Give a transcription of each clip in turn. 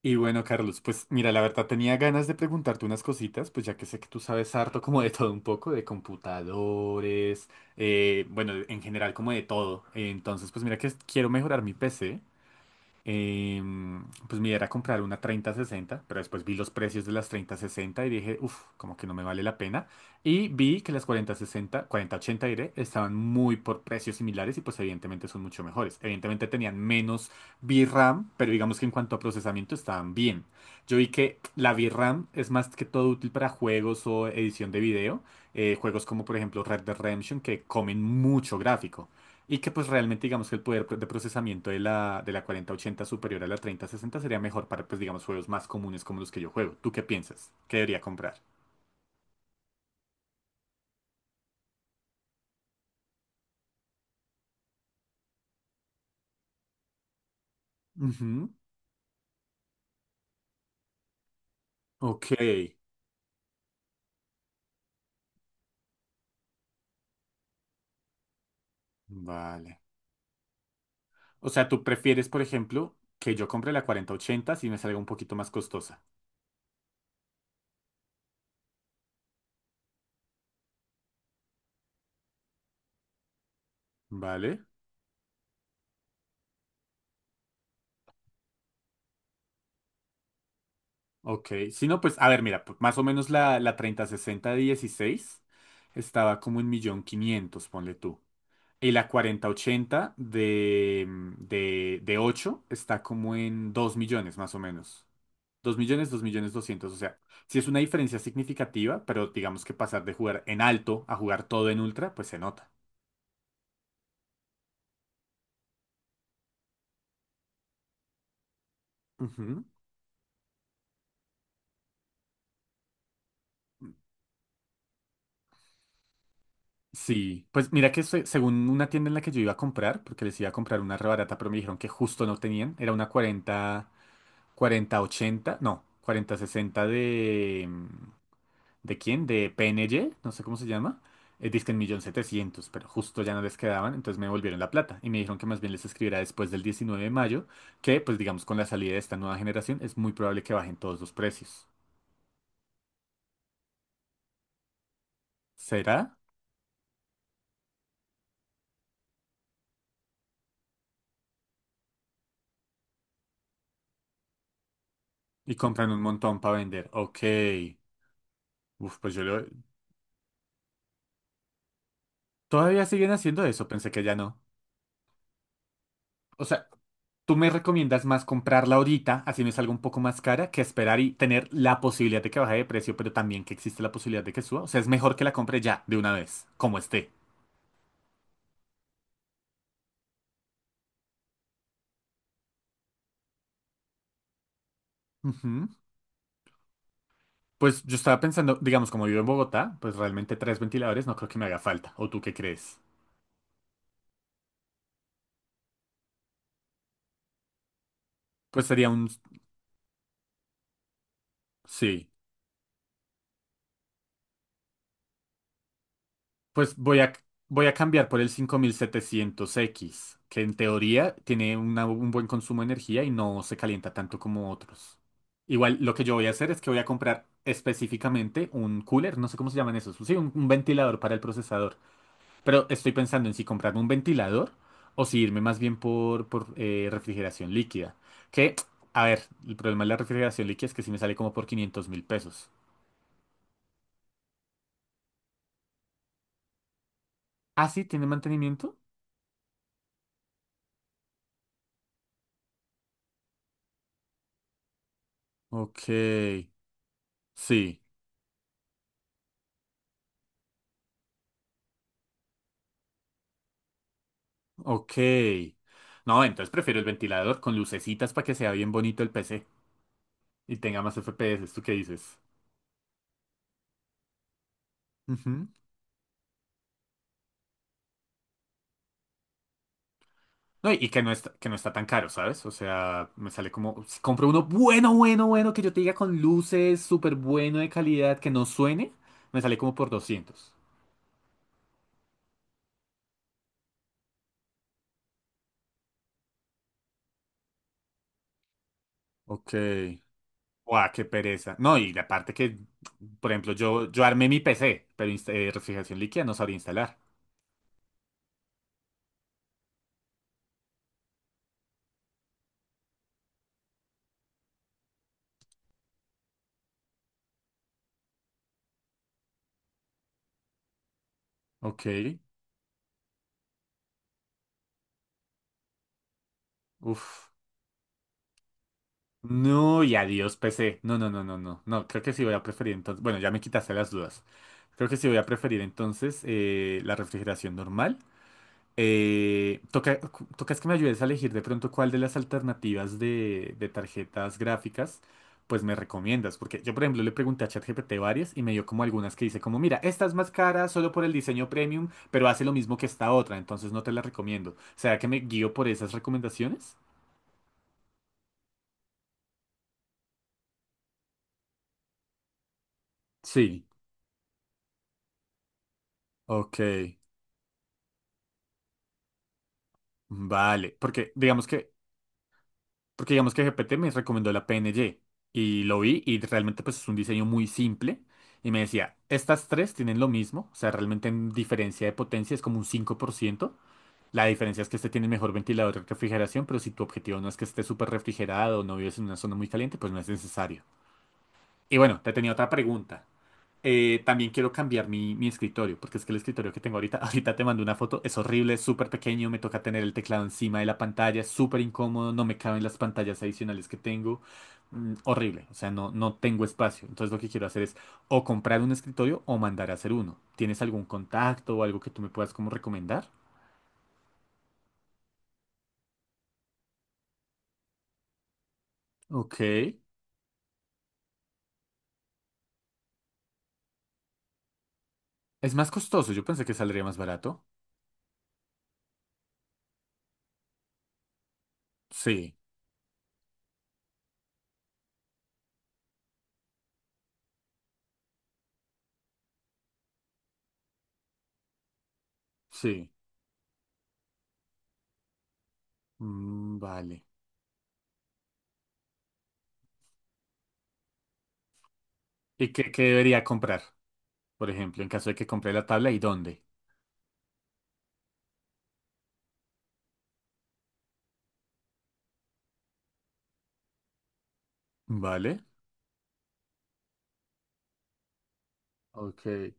Y bueno, Carlos, pues mira, la verdad tenía ganas de preguntarte unas cositas, pues ya que sé que tú sabes harto como de todo un poco, de computadores, bueno, en general como de todo. Entonces, pues mira que quiero mejorar mi PC. eh, pues mi idea era comprar una 3060, pero después vi los precios de las 3060 y dije, uff, como que no me vale la pena. Y vi que las 4060, 4080 diré, estaban muy por precios similares y pues evidentemente son mucho mejores. Evidentemente tenían menos VRAM, pero digamos que en cuanto a procesamiento estaban bien. Yo vi que la VRAM es más que todo útil para juegos o edición de video, juegos como por ejemplo Red Dead Redemption que comen mucho gráfico. Y que pues realmente digamos que el poder de procesamiento de la 4080 superior a la 3060 sería mejor para pues digamos juegos más comunes como los que yo juego. ¿Tú qué piensas? ¿Qué debería comprar? Ujú. Ok, vale. O sea, tú prefieres, por ejemplo, que yo compre la 4080 si me salga un poquito más costosa. Vale. Ok. Si no, pues, a ver, mira, más o menos la 3060 de 16 estaba como en millón quinientos, ponle tú. Y la 4080 de 8 está como en 2 millones más o menos. Dos millones, 2 millones doscientos. O sea, sí es una diferencia significativa, pero digamos que pasar de jugar en alto a jugar todo en ultra, pues se nota. Ujú. Sí, pues mira que según una tienda en la que yo iba a comprar, porque les iba a comprar una rebarata, pero me dijeron que justo no tenían, era una 40 40 80 no, 4060 de, ¿de quién? ¿De PNG? No sé cómo se llama. Dizque en millón setecientos, pero justo ya no les quedaban, entonces me devolvieron la plata y me dijeron que más bien les escribiera después del 19 de mayo, que pues digamos con la salida de esta nueva generación es muy probable que bajen todos los precios. ¿Será? Y compran un montón para vender. Ok. Uf, pues yo lo... Todavía siguen haciendo eso, pensé que ya no. O sea, ¿tú me recomiendas más comprarla ahorita, así me salga un poco más cara, que esperar y tener la posibilidad de que baje de precio, pero también que existe la posibilidad de que suba? O sea, es mejor que la compre ya, de una vez, como esté. Ujú. Pues yo estaba pensando, digamos, como vivo en Bogotá, pues realmente tres ventiladores no creo que me haga falta. ¿O tú qué crees? Pues sería un... Sí. Pues voy a cambiar por el 5700X que en teoría tiene un buen consumo de energía y no se calienta tanto como otros. Igual lo que yo voy a hacer es que voy a comprar específicamente un cooler, no sé cómo se llaman esos, sí, un ventilador para el procesador. Pero estoy pensando en si comprarme un ventilador o si irme más bien por, por refrigeración líquida. Que, a ver, el problema de la refrigeración líquida es que si me sale como por 500.000 pesos. ¿Ah, sí? ¿Tiene mantenimiento? Ok, sí. Ok. No, entonces prefiero el ventilador con lucecitas para que sea bien bonito el PC y tenga más FPS, ¿tú qué dices? Ujú. No, y que no está tan caro, ¿sabes? O sea, me sale como, si compro uno bueno, bueno, bueno, que yo te diga con luces, súper bueno de calidad, que no suene, me sale como por doscientos. Ok. Guau, qué pereza. No, y la parte que, por ejemplo, yo armé mi PC, pero refrigeración líquida no sabría instalar. Ok. Uf. No, y adiós PC. No, no, no, no, no. No, creo que sí voy a preferir entonces. Bueno, ya me quitaste las dudas. Creo que sí voy a preferir entonces la refrigeración normal. Toca, tocas que me ayudes a elegir de pronto cuál de las alternativas de tarjetas gráficas, pues me recomiendas. Porque yo, por ejemplo, le pregunté a ChatGPT varias y me dio como algunas que dice como, mira, esta es más cara solo por el diseño premium, pero hace lo mismo que esta otra, entonces no te la recomiendo. ¿Será que me guío por esas recomendaciones? Sí. Ok. Vale, porque digamos que GPT me recomendó la PNG y lo vi y realmente pues es un diseño muy simple y me decía, estas tres tienen lo mismo, o sea, realmente en diferencia de potencia es como un 5%. La diferencia es que este tiene mejor ventilador de refrigeración, pero si tu objetivo no es que esté súper refrigerado o no vives en una zona muy caliente, pues no es necesario. Y bueno, te tenía otra pregunta. También quiero cambiar mi escritorio, porque es que el escritorio que tengo ahorita, ahorita te mando una foto, es horrible, es súper pequeño, me toca tener el teclado encima de la pantalla, es súper incómodo, no me caben las pantallas adicionales que tengo, horrible, o sea, no, no tengo espacio. Entonces lo que quiero hacer es o comprar un escritorio o mandar a hacer uno. ¿Tienes algún contacto o algo que tú me puedas como recomendar? Ok. Es más costoso, yo pensé que saldría más barato. Sí, sí. Mm, vale. ¿Y qué debería comprar? Por ejemplo, en caso de que compre la tabla y dónde. ¿Vale? Ok.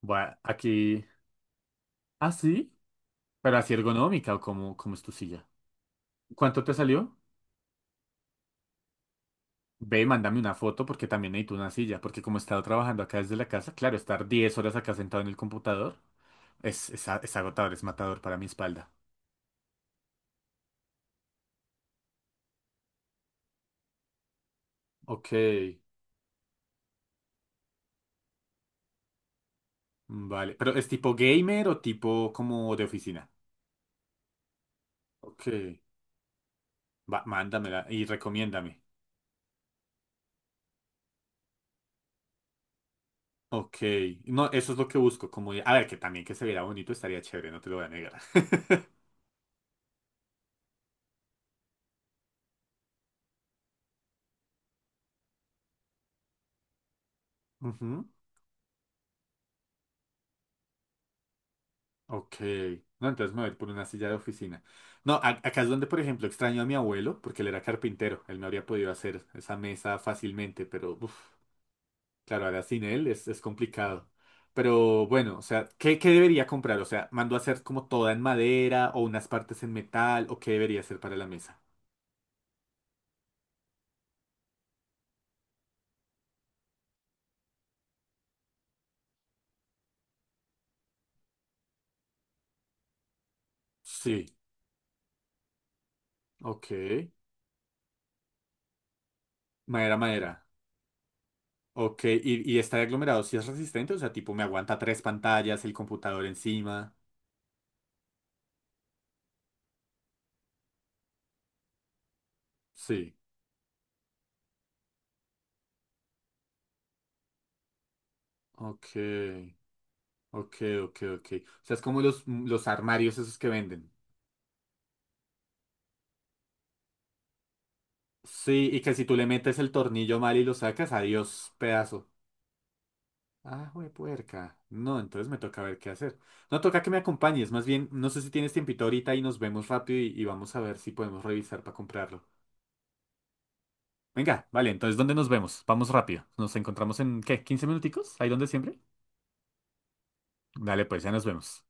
Bueno, aquí. Ah, sí, pero así ergonómica o cómo, cómo es tu silla. ¿Cuánto te salió? Ve, mándame una foto porque también necesito una silla. Porque como he estado trabajando acá desde la casa, claro, estar 10 horas acá sentado en el computador es, es agotador, es matador para mi espalda. Ok. Vale. ¿Pero es tipo gamer o tipo como de oficina? Ok. Va, mándamela y recomiéndame. Ok, no, eso es lo que busco, como, a ver, que también que se viera bonito estaría chévere, no te lo voy a negar. Ujú. Ok, no, entonces me voy a ir por una silla de oficina. No, acá es donde, por ejemplo, extraño a mi abuelo, porque él era carpintero, él me habría podido hacer esa mesa fácilmente, pero, uf, claro, ahora sin él es complicado. Pero bueno, o sea, ¿qué debería comprar? O sea, ¿mando a hacer como toda en madera o unas partes en metal o qué debería hacer para la mesa? Sí, ok, madera, madera. Ok, y está de aglomerado, si es resistente, o sea, tipo, me aguanta tres pantallas, el computador encima. Sí. Ok, ok, ok, ok. O sea, es como los, los armarios esos que venden. Sí, y que si tú le metes el tornillo mal y lo sacas, adiós, pedazo. Ah, güey, puerca. No, entonces me toca ver qué hacer. No, toca que me acompañes. Más bien, no sé si tienes tiempito ahorita y nos vemos rápido y vamos a ver si podemos revisar para comprarlo. Venga, vale, entonces, ¿dónde nos vemos? Vamos rápido. ¿Nos encontramos en qué? ¿15 minuticos? ¿Ahí donde siempre? Dale, pues ya nos vemos.